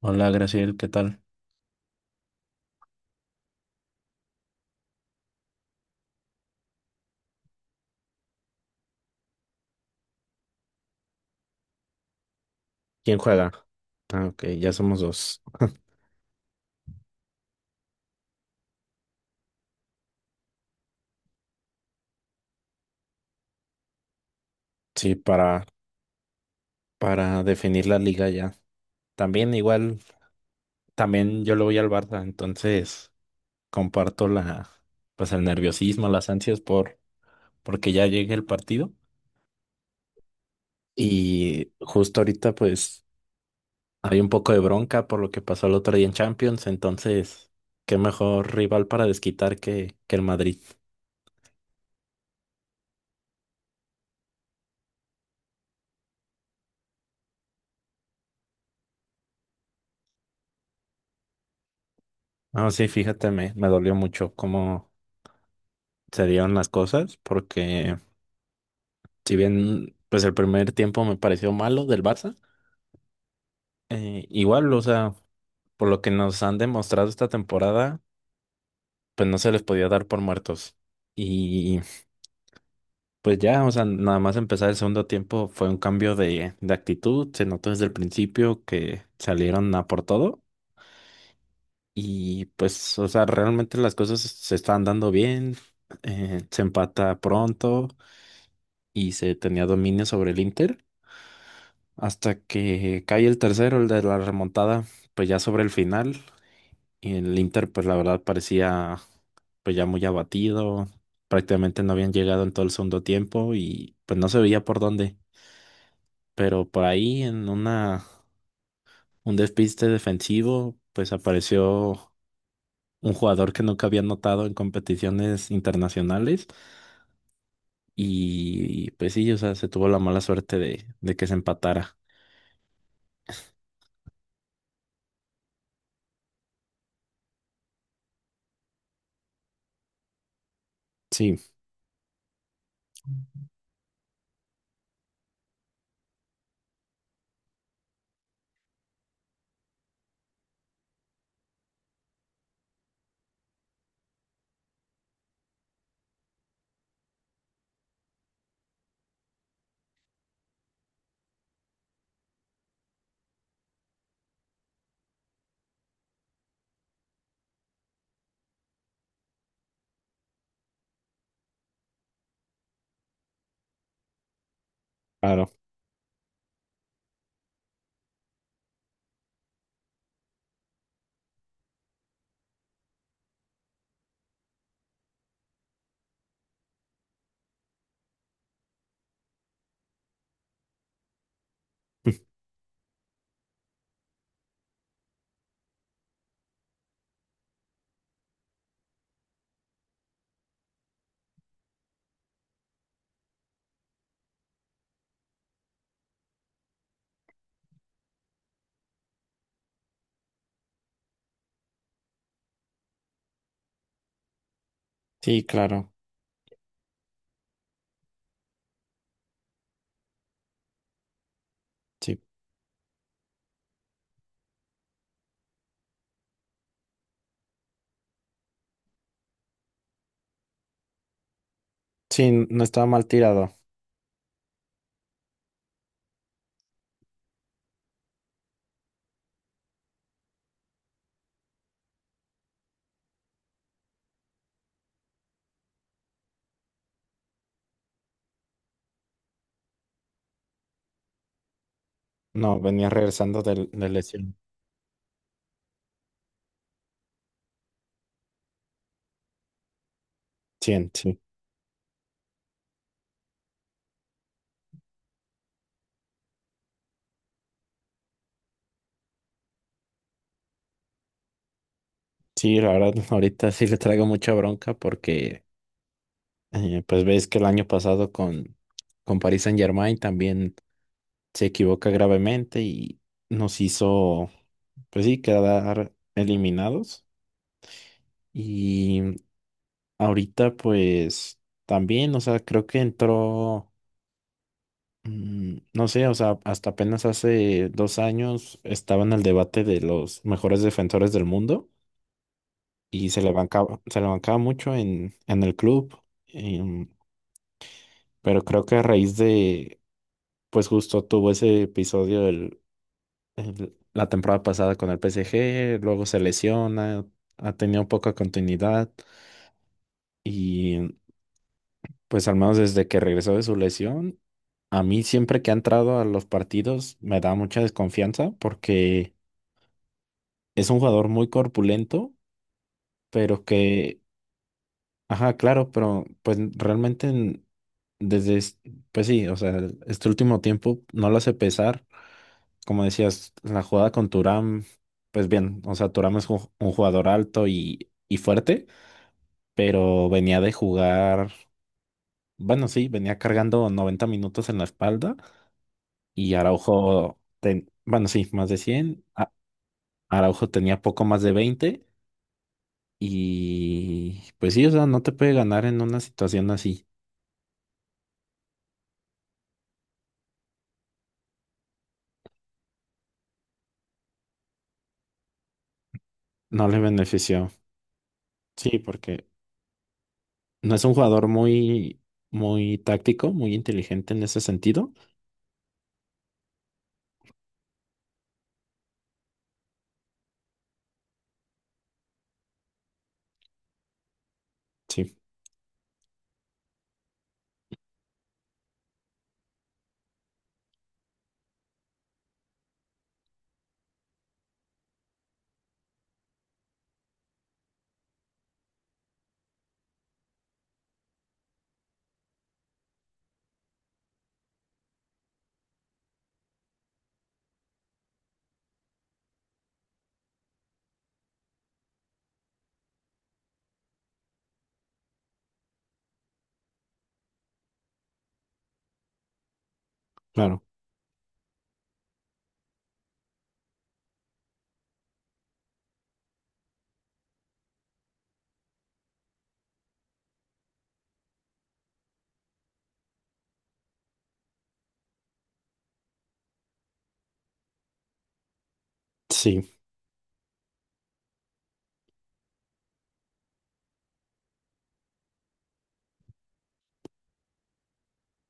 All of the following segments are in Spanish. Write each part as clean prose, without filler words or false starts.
Hola, Graciel, ¿qué tal? ¿Quién juega? Ah, ok, ya somos dos. Sí, para definir la liga ya. También igual, también yo le voy al Barça, entonces comparto la, pues el nerviosismo, porque ya llegue el partido. Y justo ahorita pues hay un poco de bronca por lo que pasó el otro día en Champions, entonces qué mejor rival para desquitar que el Madrid. Ah, sí, fíjate, me dolió mucho cómo se dieron las cosas porque si bien, pues el primer tiempo me pareció malo del Barça, igual, o sea, por lo que nos han demostrado esta temporada, pues no se les podía dar por muertos. Y pues ya, o sea, nada más empezar el segundo tiempo fue un cambio de actitud, se notó desde el principio que salieron a por todo y pues, o sea, realmente las cosas se están dando bien, se empata pronto y se tenía dominio sobre el Inter. Hasta que cae el tercero, el de la remontada, pues ya sobre el final. Y el Inter, pues la verdad parecía pues ya muy abatido. Prácticamente no habían llegado en todo el segundo tiempo y pues no se veía por dónde. Pero por ahí en una un despiste defensivo, pues apareció un jugador que nunca había notado en competiciones internacionales. Y pues sí, o sea, se tuvo la mala suerte de que se empatara. Sí, claro. Sí, claro. Sí, sí, no estaba mal tirado. No, venía regresando de lesión. Sí, sí. Sí, la verdad, ahorita sí le traigo mucha bronca porque, pues ves que el año pasado con Paris Saint-Germain también se equivoca gravemente y nos hizo, pues sí, quedar eliminados. Y ahorita, pues también, o sea, creo que entró, no sé, o sea, hasta apenas hace 2 años estaba en el debate de los mejores defensores del mundo. Y se le bancaba mucho en el club, em, pero creo que a raíz de, pues justo tuvo ese episodio la temporada pasada con el PSG, luego se lesiona, ha tenido poca continuidad y pues al menos desde que regresó de su lesión, a mí siempre que ha entrado a los partidos me da mucha desconfianza porque es un jugador muy corpulento, pero que ajá, claro, pero pues realmente desde, es- pues sí, o sea, este último tiempo no lo hace pesar. Como decías, la jugada con Turam, pues bien, o sea, Turam es un jugador alto y fuerte, pero venía de jugar, bueno, sí, venía cargando 90 minutos en la espalda y Araujo, bueno, sí, más de 100 Araujo tenía poco más de 20 y pues sí, o sea, no te puede ganar en una situación así, no le benefició. Sí, porque no es un jugador muy, muy táctico, muy inteligente en ese sentido. Sí, claro. Sí,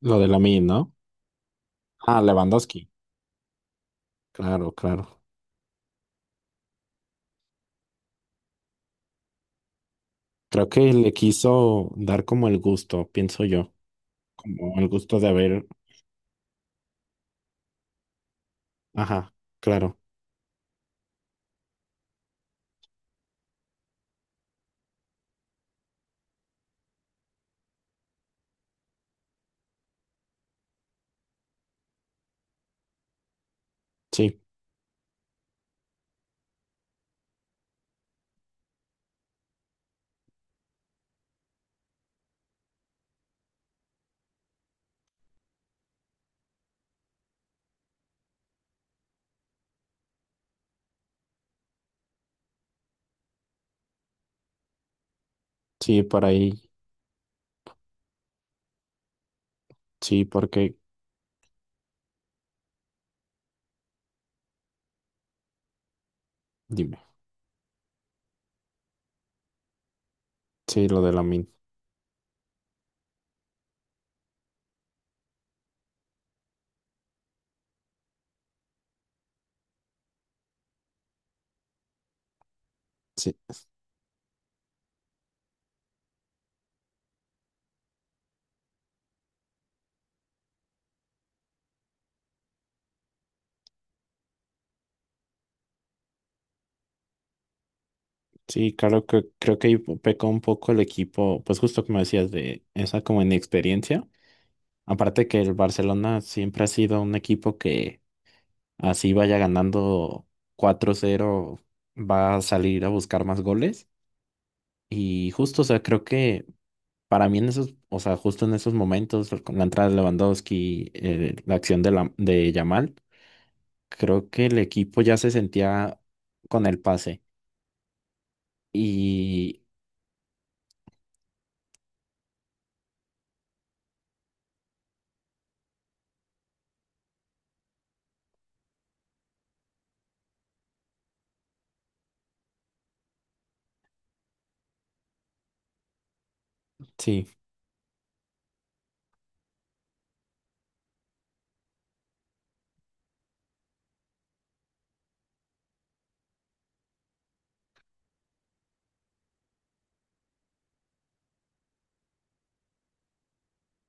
lo de Lamine, ¿no? Ah, Lewandowski. Claro, claro. Creo que le quiso dar como el gusto, pienso yo. Como el gusto de haber. Ajá, claro. Sí, sí, por ahí. Sí, porque. Dime. Sí, lo de Lamine. Sí, sí, claro que creo que ahí pecó un poco el equipo, pues justo como decías, de esa como inexperiencia. Aparte que el Barcelona siempre ha sido un equipo que así vaya ganando 4-0 va a salir a buscar más goles. Y justo, o sea, creo que para mí en esos, o sea, justo en esos momentos, con la entrada de Lewandowski, la acción de, de Yamal, creo que el equipo ya se sentía con el pase. Y sí,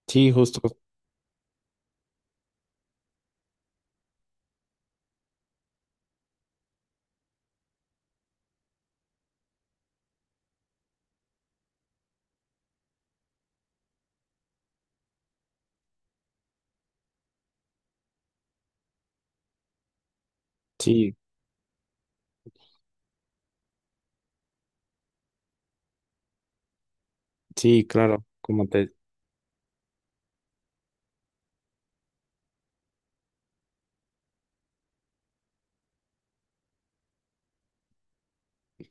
sí, justo, sí, sí, claro, como te,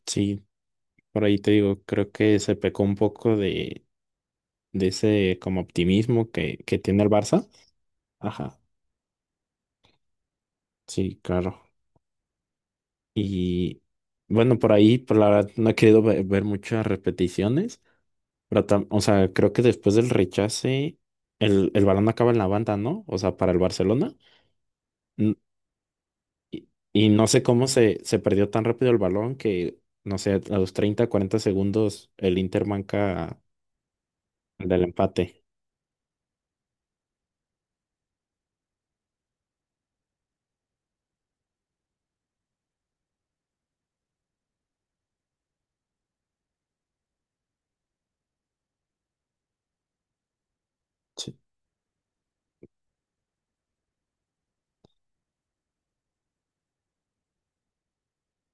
sí, por ahí te digo, creo que se pecó un poco de ese como optimismo que tiene el Barça. Ajá, sí, claro. Y bueno, por ahí, por la verdad, no he querido ver muchas repeticiones, pero o sea, creo que después del rechace, el balón acaba en la banda, ¿no? O sea, para el Barcelona. N- Y no sé cómo se perdió tan rápido el balón que, no sé, a los 30 40 segundos el Inter manca el del empate.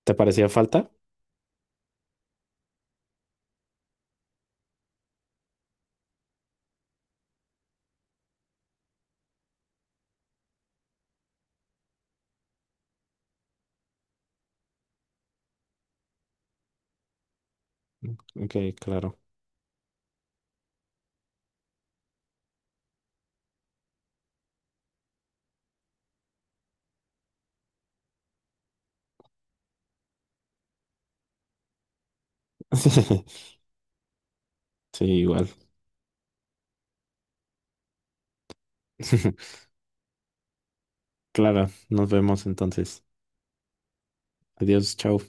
¿Te parecía falta? Ok, claro. Sí, igual. Clara, nos vemos entonces. Adiós, chao.